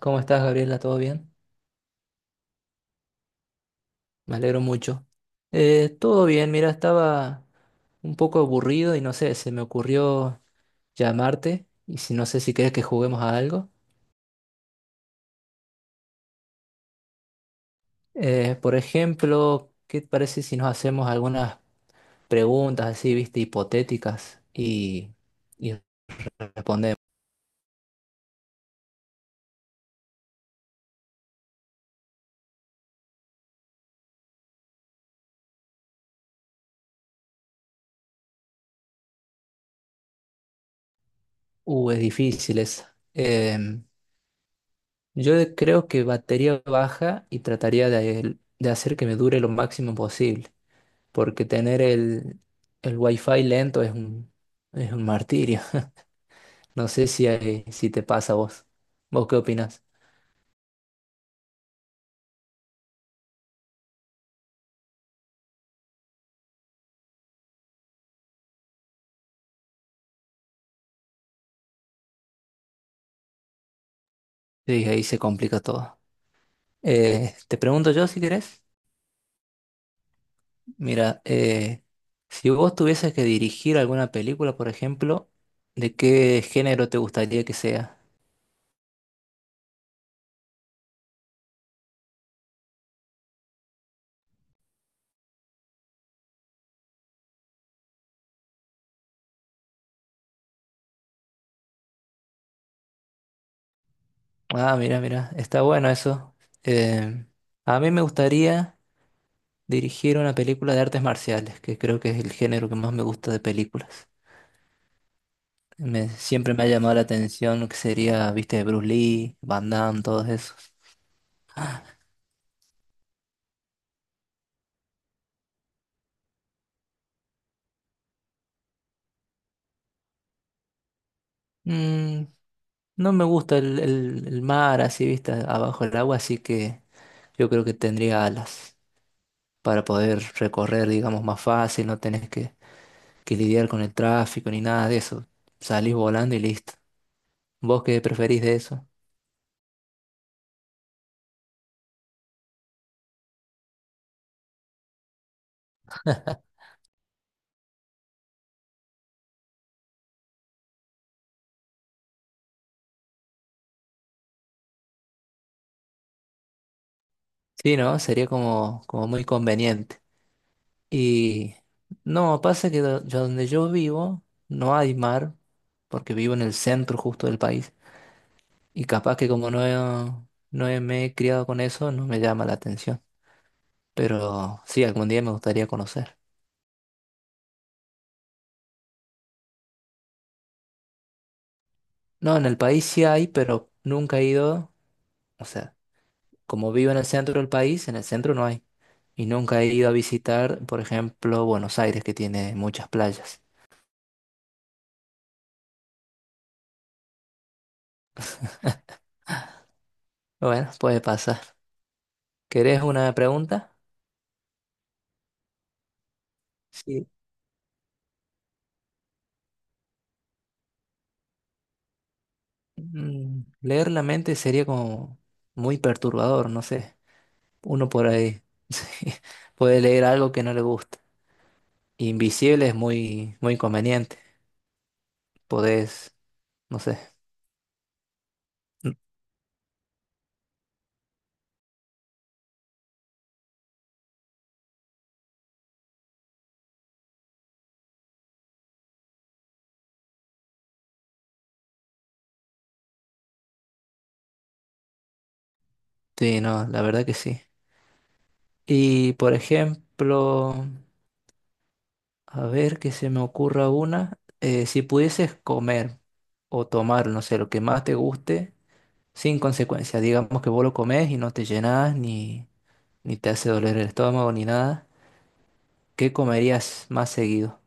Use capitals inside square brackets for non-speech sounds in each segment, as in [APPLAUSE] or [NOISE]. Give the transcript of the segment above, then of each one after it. ¿Cómo estás, Gabriela? ¿Todo bien? Me alegro mucho. Todo bien, mira, estaba un poco aburrido y no sé, se me ocurrió llamarte si no sé si querés que juguemos a algo. Por ejemplo, ¿qué te parece si nos hacemos algunas preguntas así, viste, hipotéticas y respondemos? Es difícil esa. Yo creo que batería baja y trataría de hacer que me dure lo máximo posible, porque tener el wifi lento es un martirio. [LAUGHS] No sé si te pasa a vos. ¿Vos qué opinas? Sí, ahí se complica todo. Te pregunto yo si querés. Mira, si vos tuvieses que dirigir alguna película, por ejemplo, ¿de qué género te gustaría que sea? Ah, mira, mira, está bueno eso. Eh, a mí me gustaría dirigir una película de artes marciales, que creo que es el género que más me gusta de películas. Me, siempre me ha llamado la atención lo que sería, viste, Bruce Lee, Van Damme, todos esos. Mm, no me gusta el mar así, viste, abajo del agua, así que yo creo que tendría alas para poder recorrer, digamos, más fácil, no tenés que lidiar con el tráfico ni nada de eso. Salís volando y listo. ¿Vos qué preferís de eso? Sí, ¿no? Sería como, como muy conveniente. Y no, pasa que donde yo vivo no hay mar, porque vivo en el centro justo del país. Y capaz que como no, he- no he- me he criado con eso, no me llama la atención. Pero sí, algún día me gustaría conocer. No, en el país sí hay, pero nunca he ido. O sea, como vivo en el centro del país, en el centro no hay. Y nunca he ido a visitar, por ejemplo, Buenos Aires, que tiene muchas playas. Bueno, puede pasar. ¿Querés una pregunta? Sí. Mm, leer la mente sería como muy perturbador, no sé. Uno por ahí [LAUGHS] sí, puede leer algo que no le gusta. Invisible es muy, muy conveniente. Podés, no sé. Mm, sí, no, la verdad que sí. Y por ejemplo, a ver que se me ocurra una. Si pudieses comer o tomar, no sé, lo que más te guste, sin consecuencias. Digamos que vos lo comés y no te llenás, ni te hace doler el estómago, ni nada. ¿Qué comerías más seguido?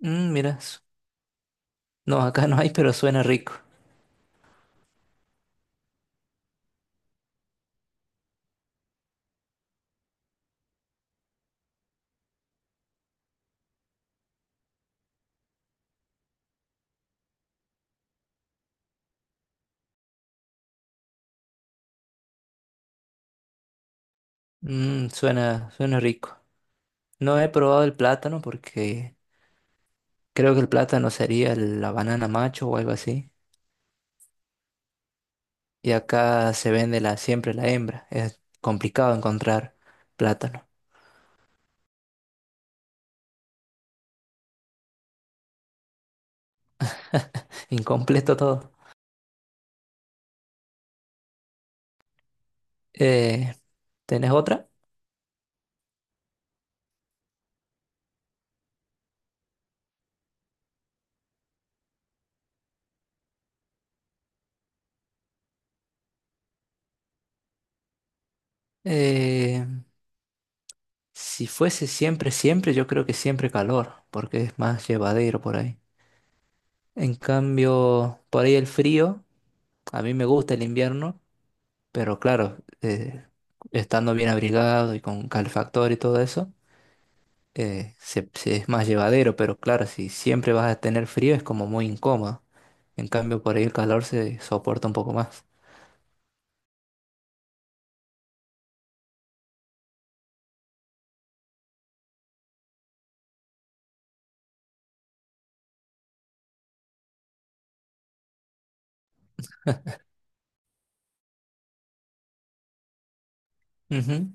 Mm, mira, su- no, acá no hay, pero suena rico. Mm, suena, suena rico. No he probado el plátano porque creo que el plátano sería la banana macho o algo así. Y acá se vende la, siempre la hembra. Es complicado encontrar plátano. [LAUGHS] Incompleto todo. Eh, ¿Tenés otra? Eh, si fuese siempre, siempre, yo creo que siempre calor, porque es más llevadero por ahí. En cambio, por ahí el frío, a mí me gusta el invierno, pero claro, estando bien abrigado y con calefactor y todo eso. Es más llevadero, pero claro, si siempre vas a tener frío es como muy incómodo. En cambio, por ahí el calor se soporta un poco más. Ujú.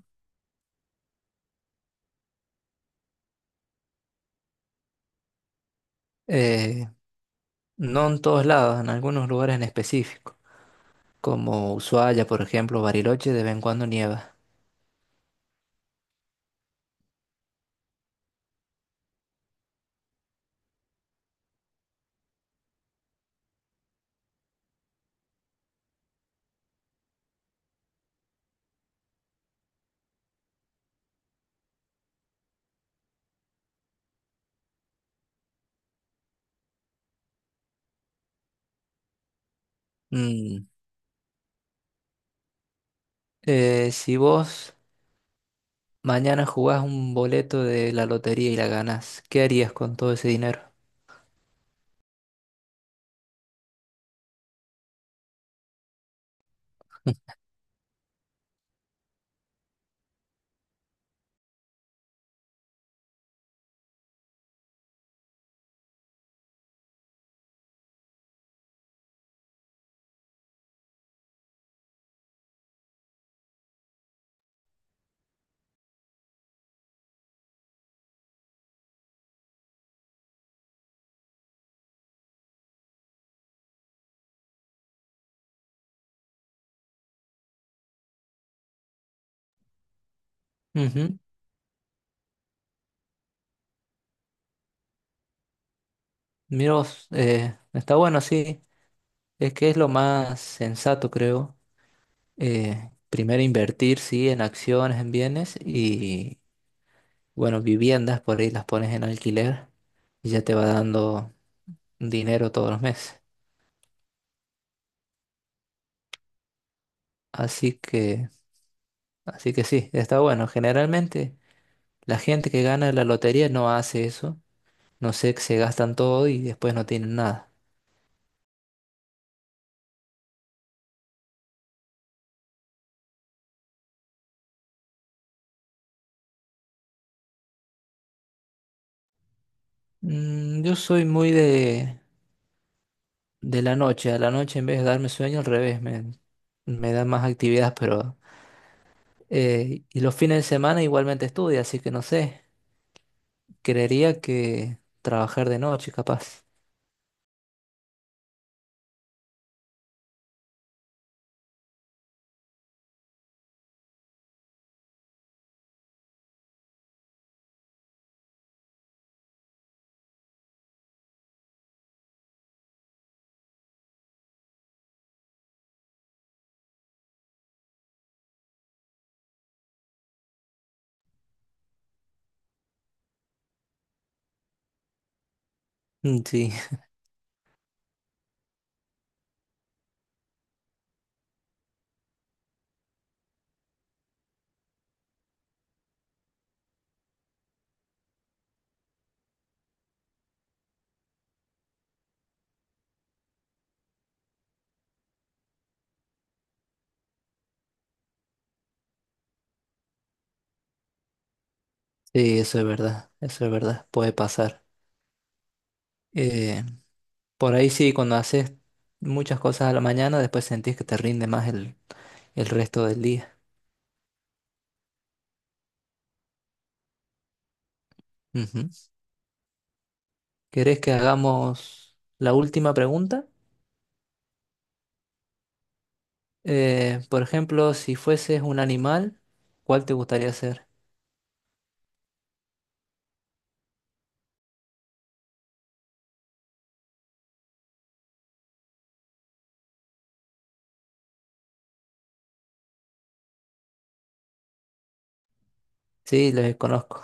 Eh, no en todos lados, en algunos lugares en específico, como Ushuaia, por ejemplo, Bariloche, de vez en cuando nieva. Mm, si vos mañana jugás un boleto de la lotería y la ganás, ¿qué harías con todo ese dinero? Ujú. Mira vos, está bueno, sí, es que es lo más sensato, creo. Primero invertir, sí, en acciones, en bienes y, bueno, viviendas, por ahí las pones en alquiler y ya te va dando dinero todos los meses. Así que, así que sí, está bueno. Generalmente la gente que gana la lotería no hace eso. No sé, que se gastan todo y después no tienen nada. Mm, yo soy muy de la noche. A la noche en vez de darme sueño, al revés, me da más actividad, pero y los fines de semana igualmente estudio, así que no sé. Creería que trabajar de noche, capaz. Mm, sí, [LAUGHS] sí, eso es verdad, puede pasar. Eh, por ahí sí, cuando haces muchas cosas a la mañana, después sentís que te rinde más el resto del día. Ujú. ¿Querés que hagamos la última pregunta? Por ejemplo, si fueses un animal, ¿cuál te gustaría ser? Sí, los conozco.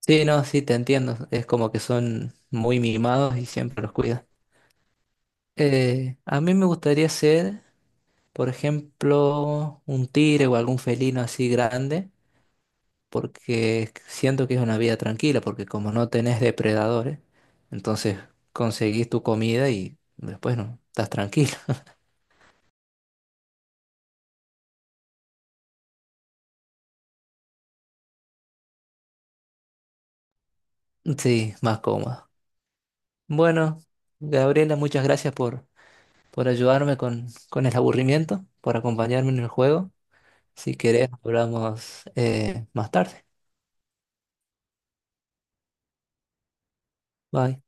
Sí, no, sí, te entiendo. Es como que son muy mimados y siempre los cuidan. A mí me gustaría ser, por ejemplo, un tigre o algún felino así grande, porque siento que es una vida tranquila, porque como no tenés depredadores, entonces conseguís tu comida y después no, estás tranquilo. [LAUGHS] Sí, más cómodo. Bueno, Gabriela, muchas gracias por ayudarme con el aburrimiento, por acompañarme en el juego. Si querés, hablamos más tarde. Bye.